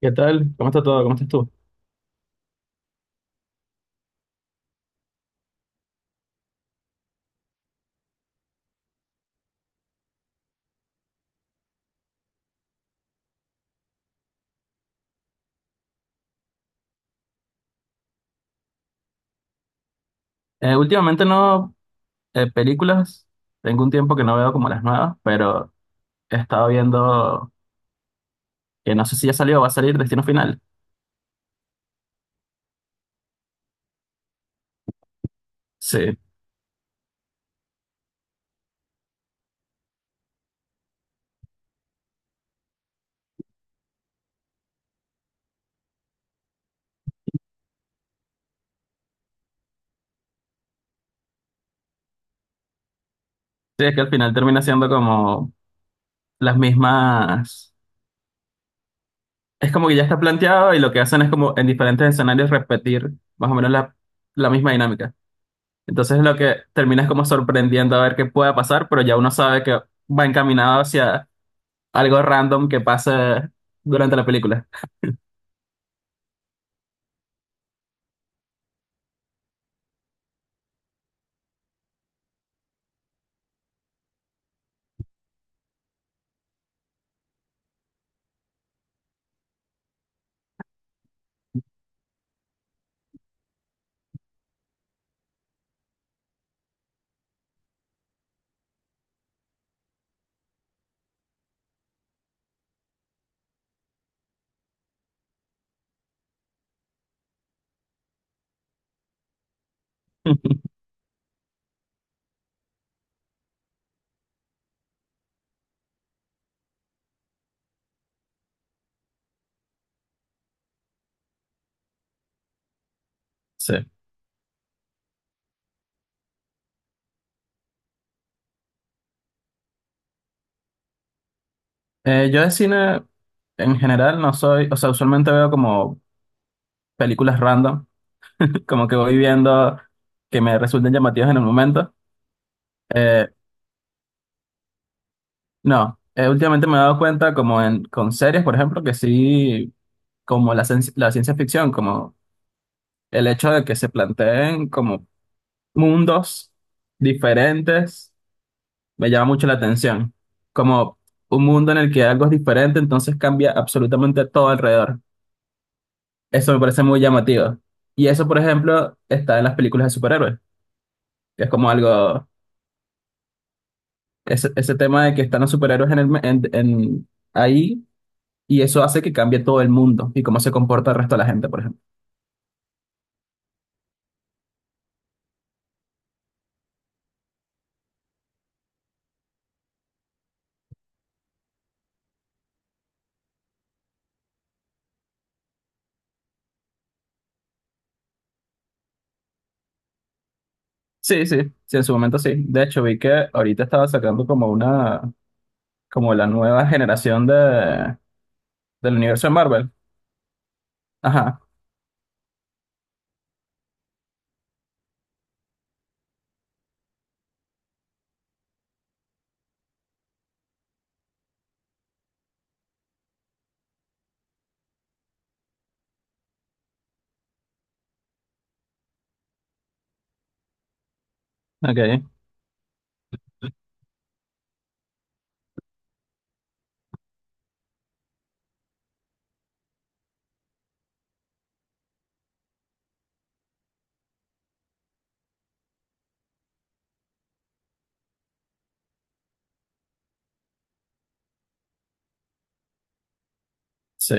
¿Qué tal? ¿Cómo está todo? ¿Cómo estás tú? Últimamente no, películas, tengo un tiempo que no veo como las nuevas, pero he estado viendo, que no sé si ya salió o va a salir Destino Final. Sí, sí, es que al final termina siendo como las mismas, es como que ya está planteado y lo que hacen es como en diferentes escenarios repetir más o menos la misma dinámica. Entonces lo que termina es como sorprendiendo a ver qué pueda pasar, pero ya uno sabe que va encaminado hacia algo random que pase durante la película. Sí. Yo de cine en general no soy, o sea, usualmente veo como películas random, como que voy viendo que me resulten llamativas en el momento. Eh, no, últimamente me he dado cuenta como en, con series, por ejemplo, que sí, como la ciencia ficción, como el hecho de que se planteen como mundos diferentes, me llama mucho la atención. Como un mundo en el que algo es diferente, entonces cambia absolutamente todo alrededor. Eso me parece muy llamativo. Y eso, por ejemplo, está en las películas de superhéroes, que es como algo, ese tema de que están los superhéroes en el, me- en- ahí, y eso hace que cambie todo el mundo y cómo se comporta el resto de la gente, por ejemplo. Sí, sí, sí, en su momento sí. De hecho, vi que ahorita estaba sacando como una, como la nueva generación de, del universo de Marvel. Ajá, ok, sí.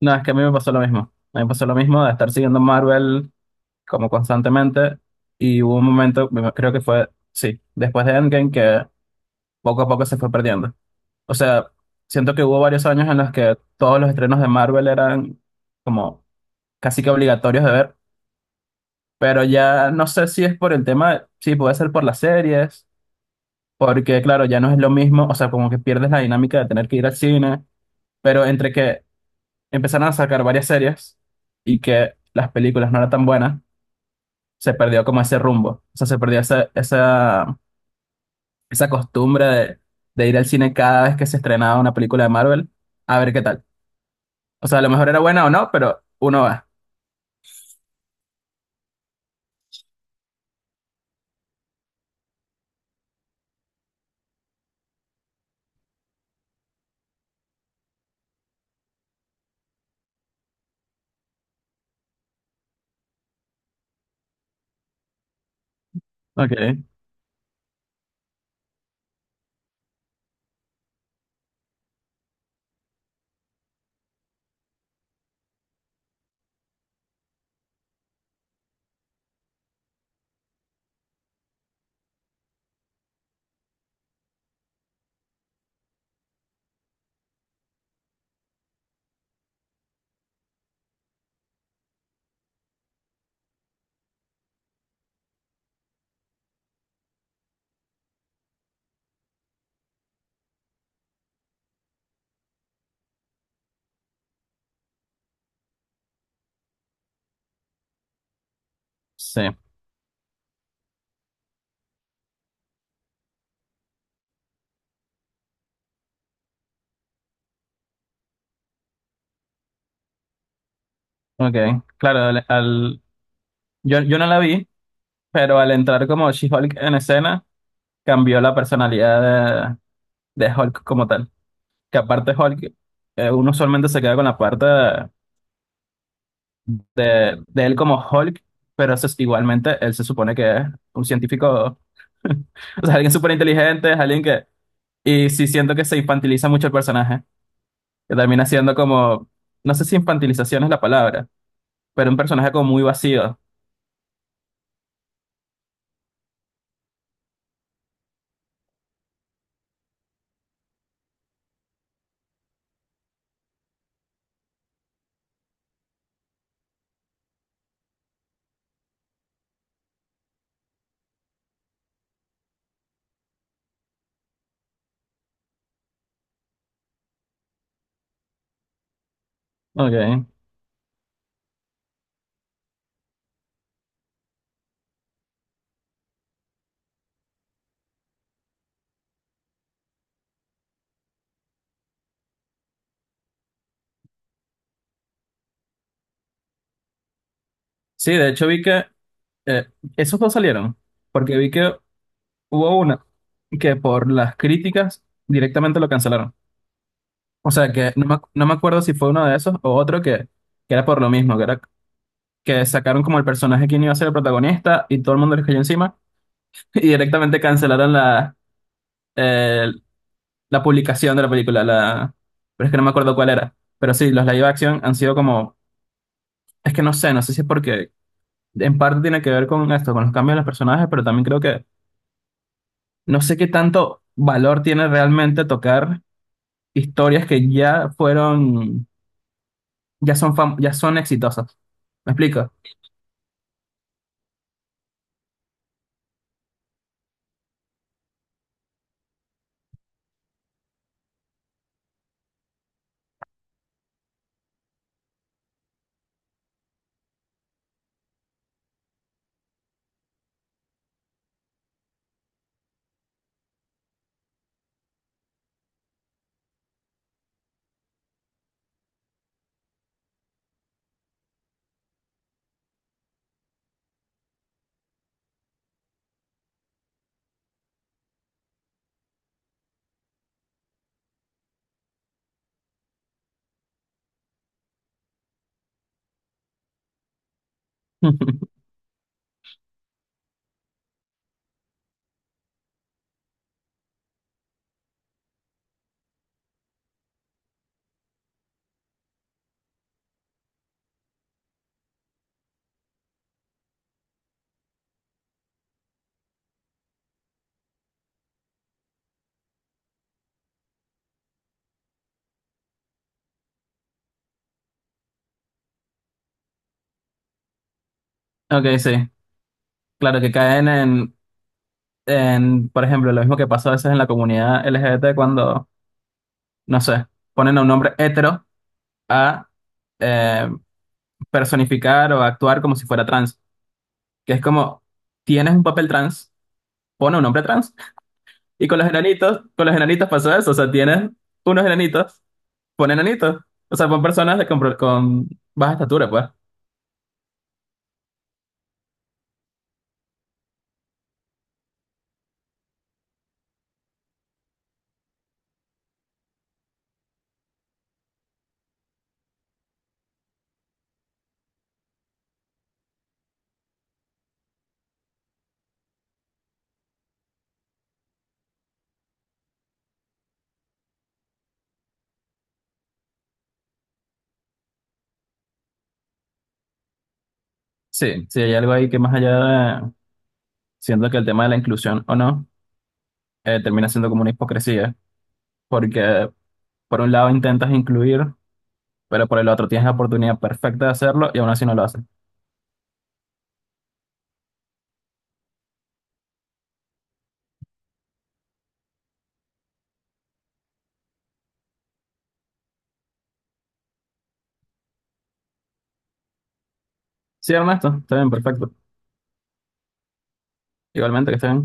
No, es que a mí me pasó lo mismo. A mí me pasó lo mismo de estar siguiendo Marvel como constantemente, y hubo un momento, creo que fue, sí, después de Endgame, que poco a poco se fue perdiendo. O sea, siento que hubo varios años en los que todos los estrenos de Marvel eran como casi que obligatorios de ver, pero ya no sé si es por el tema, sí, puede ser por las series, porque claro, ya no es lo mismo, o sea, como que pierdes la dinámica de tener que ir al cine, pero entre que empezaron a sacar varias series y que las películas no eran tan buenas, se perdió como ese rumbo, o sea, se perdió esa costumbre de ir al cine cada vez que se estrenaba una película de Marvel a ver qué tal. O sea, a lo mejor era buena o no, pero uno va. Ok, sí, ok. Claro, yo no la vi, pero al entrar como She-Hulk en escena, cambió la personalidad de Hulk como tal. Que aparte Hulk, uno usualmente se queda con la parte de él como Hulk, pero igualmente él se supone que es un científico, o sea, alguien súper inteligente, es alguien que. Y sí siento que se infantiliza mucho el personaje, que termina siendo como, no sé si infantilización es la palabra, pero un personaje como muy vacío. Okay. Sí, de hecho vi que eh, esos dos salieron, porque vi que hubo una que por las críticas directamente lo cancelaron. O sea que no me, no me acuerdo si fue uno de esos o otro que era por lo mismo, que era que sacaron como el personaje que no iba a ser el protagonista y todo el mundo le cayó encima y directamente cancelaron la, eh, la publicación de la película, la... pero es que no me acuerdo cuál era. Pero sí, los live action han sido como, es que no sé, no sé si es porque en parte tiene que ver con esto, con los cambios de los personajes, pero también creo que no sé qué tanto valor tiene realmente tocar historias que ya fueron, ya son exitosas. ¿Me explico? Ok, sí. Claro que caen en, por ejemplo, lo mismo que pasa a veces en la comunidad LGBT cuando, no sé, ponen a un hombre hetero a, eh, personificar o actuar como si fuera trans, que es como, tienes un papel trans, pone un hombre trans. Y con los enanitos pasó eso, o sea, tienes unos enanitos, pon enanitos. O sea, pon personas con, con baja estatura, pues. Sí, sí, hay algo ahí que más allá de, siento que el tema de la inclusión o no, termina siendo como una hipocresía, porque por un lado intentas incluir, pero por el otro tienes la oportunidad perfecta de hacerlo y aún así no lo haces. Sí, Ernesto, está bien, perfecto. Igualmente que estén.